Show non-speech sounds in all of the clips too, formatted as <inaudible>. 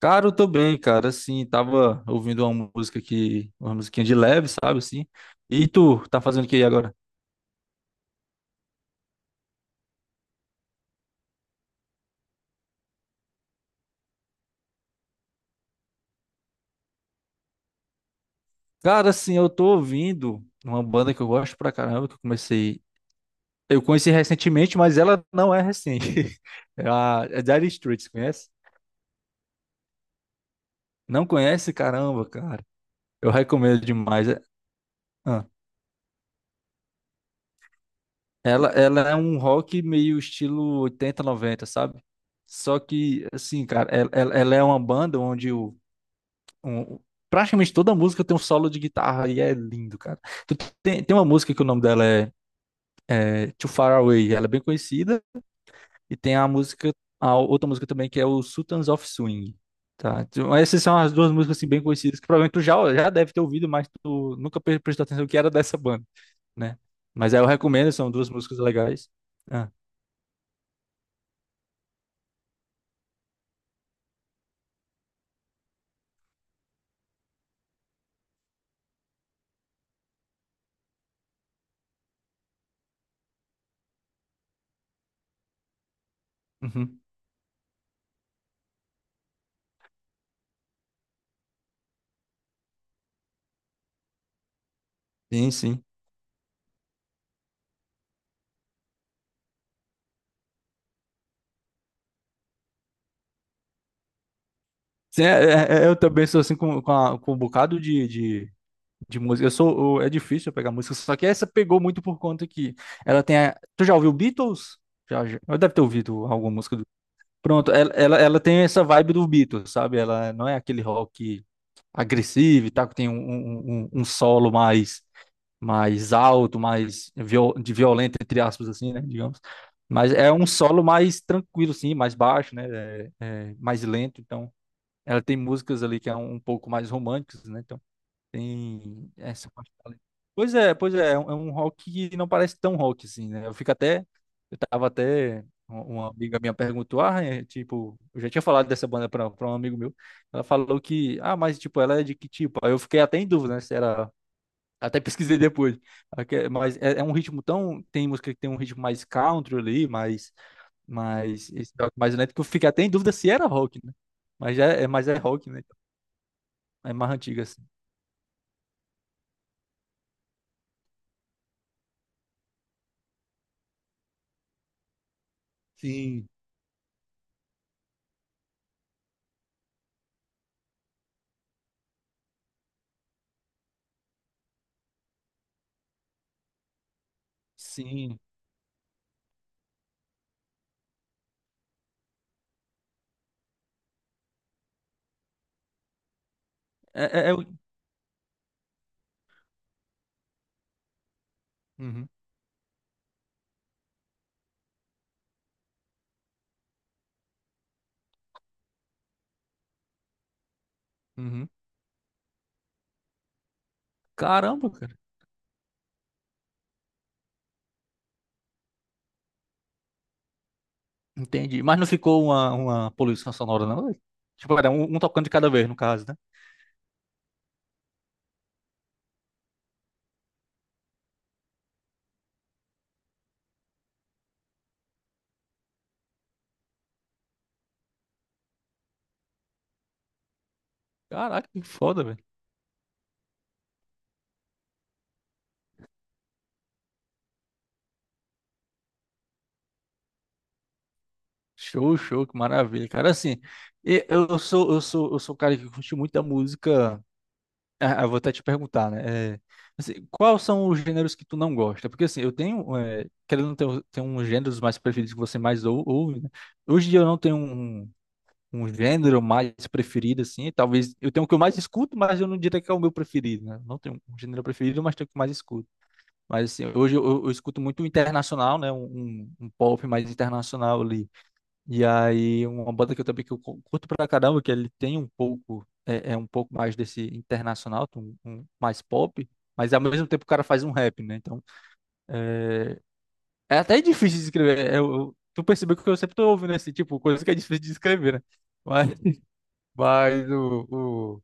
Cara, eu tô bem, cara. Assim, tava ouvindo uma musiquinha de leve, sabe, assim. E tu, tá fazendo o que aí agora? Cara, assim, eu tô ouvindo uma banda que eu gosto pra caramba, eu conheci recentemente, mas ela não é recente. <laughs> É a é Dire Straits, conhece? Não conhece? Caramba, cara. Eu recomendo demais. Ah. Ela é um rock meio estilo 80 90, sabe? Só que, assim, cara, ela é uma banda onde um- um, praticamente toda música tem um solo de guitarra e é lindo, cara. Tu tem uma música que o nome dela é Too Far Away, ela é bem conhecida, e tem a outra música também que é o Sultans of Swing. Tá, então, essas são as duas músicas assim, bem conhecidas que provavelmente tu já deve ter ouvido, mas tu nunca prestou atenção que era dessa banda, né? Mas aí eu recomendo, são duas músicas legais. Ah, uhum. Sim, sim. Sim, eu também sou assim com um bocado de música. É difícil eu pegar música, só que essa pegou muito por conta que Tu já ouviu Beatles? Já, já. Eu deve ter ouvido alguma música do... Pronto, ela tem essa vibe do Beatles, sabe? Ela não é aquele rock agressivo e tal, que tem um solo mais alto, de violento, entre aspas, assim, né? Digamos. Mas é um solo mais tranquilo, assim, mais baixo, né? É mais lento, então... Ela tem músicas ali que é um pouco mais românticas, né? Então, tem essa parte ali. Pois é, é um rock que não parece tão rock assim, né? Eu tava até, uma amiga minha perguntou, ah, é, tipo, eu já tinha falado dessa banda pra um amigo meu, ela falou que, ah, mas tipo, ela é de que tipo? Aí eu fiquei até em dúvida, né, se era, até pesquisei depois, mas é um ritmo tão, tem música que tem um ritmo mais country ali, esse rock mais lento, que eu fiquei até em dúvida se era rock, né? Mas é rock, né? É mais antiga, assim. Sim. Sim, É, é- é Uhum, uhum. Caramba, cara. Entendi. Mas não ficou uma poluição sonora, não, velho? Tipo, era um tocando de cada vez, no caso, né? Caraca, que foda, velho. Show, show, que maravilha. Cara, assim, eu sou um cara que curte muito a música. Ah, eu vou até te perguntar, né? É, assim, quais são os gêneros que tu não gosta? Porque, assim, querendo ter uns gêneros mais preferidos que você mais ouve, né? Hoje em dia eu não tenho um gênero mais preferido, assim. Talvez eu tenho o que eu mais escuto, mas eu não diria que é o meu preferido, né? Não tenho um gênero preferido, mas tenho o que mais escuto. Mas assim, hoje eu escuto muito internacional, né? Um pop mais internacional ali. E aí, uma banda que eu também que eu curto pra caramba, que ele tem um pouco, é, é um pouco mais desse internacional, mais pop. Mas ao mesmo tempo o cara faz um rap, né? Então, é, é até difícil de escrever. Tu percebeu que eu sempre tô ouvindo esse tipo, coisa que é difícil de escrever, né? Mas mas o,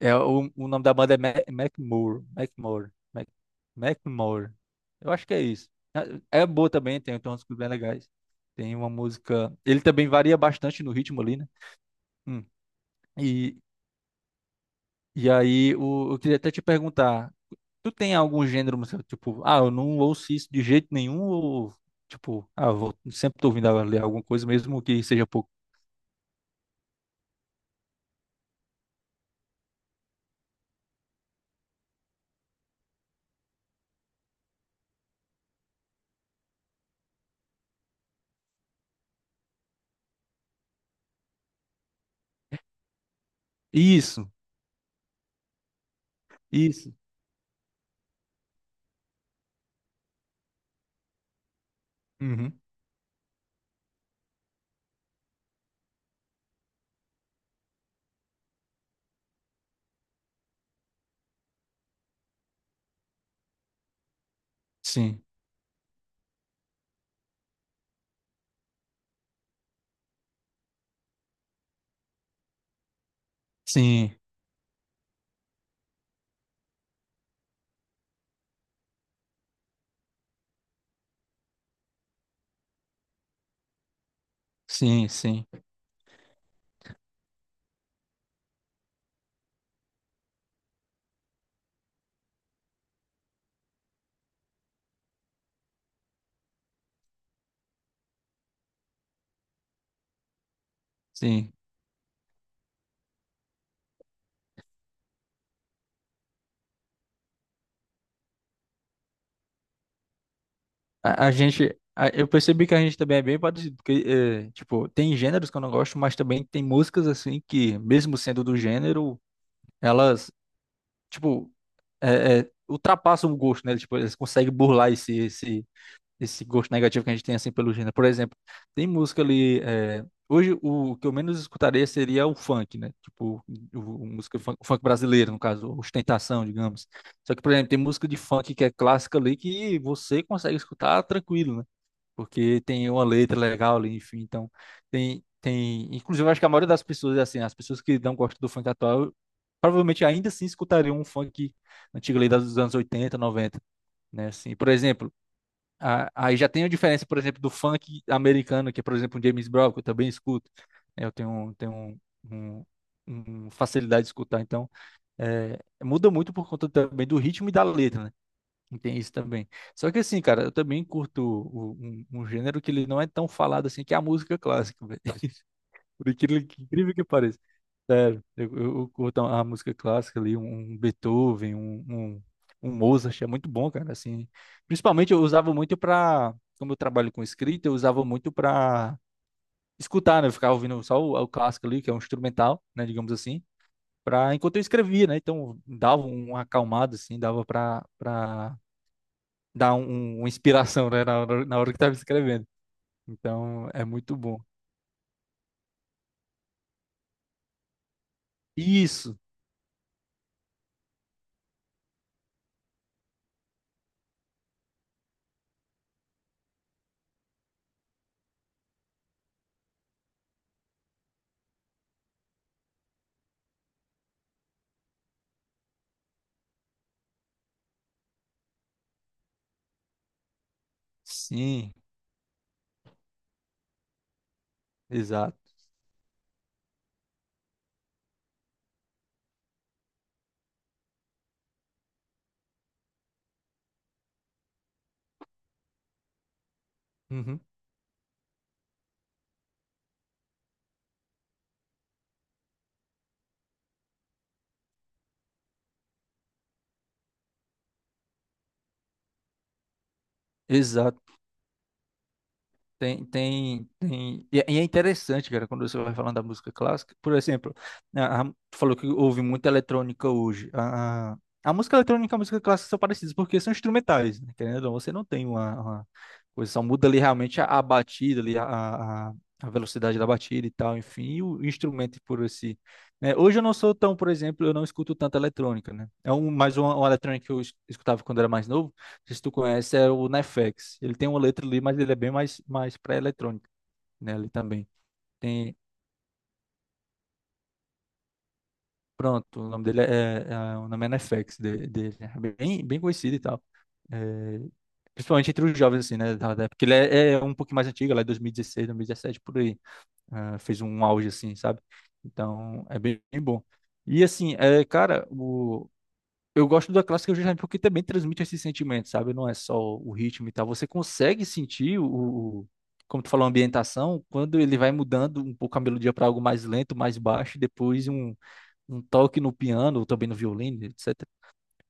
o nome da banda é Macklemore. Macklemore. Eu acho que é isso. É boa também, tem uns músicas bem legais. Tem uma música. Ele também varia bastante no ritmo ali, né? Hum. E, e aí, eu queria até te perguntar: tu tem algum gênero musical? Tipo, ah, eu não ouço isso de jeito nenhum, ou tipo, ah, sempre tô ouvindo ali alguma coisa, mesmo que seja pouco. Isso, isso. Uhum. Sim, sim, sim, sim. Sim. Eu percebi que a gente também é bem parecido, porque, tipo, tem gêneros que eu não gosto, mas também tem músicas, assim, que, mesmo sendo do gênero, elas, tipo, ultrapassam o gosto, né? Tipo, eles conseguem burlar esse gosto negativo que a gente tem, assim, pelo gênero. Por exemplo, tem música ali. Hoje, o que eu menos escutaria seria o funk, né? Tipo, o música funk, o funk brasileiro, no caso, ostentação, digamos. Só que, por exemplo, tem música de funk que é clássica ali que você consegue escutar tranquilo, né? Porque tem uma letra legal ali, enfim, então tem, inclusive eu acho que a maioria das pessoas assim, as pessoas que não gostam do funk atual, provavelmente ainda assim escutariam um funk antigo ali dos anos 80, 90, né? Assim, por exemplo, aí já tem a diferença, por exemplo, do funk americano, que é, por exemplo, o James Brown, que eu também escuto, né. Eu tenho um, um facilidade de escutar, então é, muda muito por conta também do ritmo e da letra, né? Tem isso também. Só que assim, cara, eu também curto um gênero que ele não é tão falado assim, que é a música clássica, velho. <laughs> Por incrível que pareça. Sério, eu curto a música clássica ali, um Beethoven, um Mozart, é muito bom, cara, assim. Principalmente eu usava muito pra, como eu trabalho com escrita, eu usava muito pra escutar, né? Eu ficava ouvindo só o clássico ali, que é um instrumental, né, digamos assim, enquanto eu escrevia, né? Então dava uma acalmada, assim, dava pra dá uma inspiração, né, na hora que estava escrevendo. Então, é muito bom. Isso, sim, exato. Uhum. Tem. É interessante, cara, quando você vai falando da música clássica. Por exemplo, a, a- tu falou que houve muita eletrônica hoje. A música eletrônica e a música clássica são parecidas, porque são instrumentais, né? Querendo ou não, você não tem uma coisa, só muda ali realmente a batida, ali, a, a velocidade da batida e tal, enfim, e o instrumento por si, né? Hoje eu não sou tão, por exemplo, eu não escuto tanta eletrônica, né? É mais uma eletrônica que eu escutava quando era mais novo. Sei se tu conhece, é o Nefex. Ele tem uma letra ali, mas ele é bem mais para eletrônica, né? Ali também. Tem, pronto, o nome dele é, é- é, o nome é Nefex, dele, é bem conhecido e tal. É, principalmente entre os jovens, assim, né? Porque ele é um pouquinho mais antigo, lá é 2016, 2017, por aí. Ah, fez um auge, assim, sabe? Então, é bem bom. E assim, cara, eu gosto da clássica justamente porque também transmite esses sentimentos, sabe? Não é só o ritmo e tal. Você consegue sentir o- como tu falou, a ambientação, quando ele vai mudando um pouco a melodia para algo mais lento, mais baixo, e depois um toque no piano, ou também no violino, etc.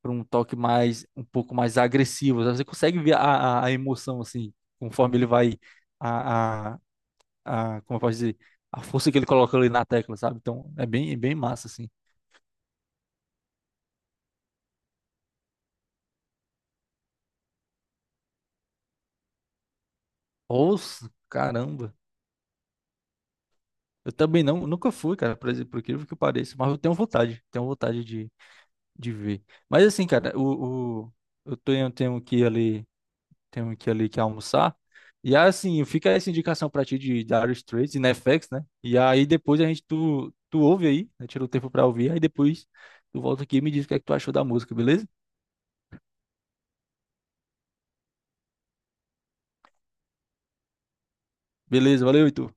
Para um toque um pouco mais agressivo. Você consegue ver a emoção, assim, conforme ele vai, a, a, como eu posso dizer, a força que ele coloca ali na tecla, sabe? Então, é bem massa, assim. Nossa, caramba. Eu também não, nunca fui, cara, por exemplo, por incrível que pareça, mas eu tenho vontade de ver. Mas assim, cara, eu tenho que ir ali, tenho que ir ali, que almoçar. E assim, fica essa indicação pra ti de Dire Straits e Netflix, né? E aí depois tu ouve aí, né? Tira o tempo pra ouvir, aí depois tu volta aqui e me diz o que é que tu achou da música, beleza? Beleza, valeu, Heitor.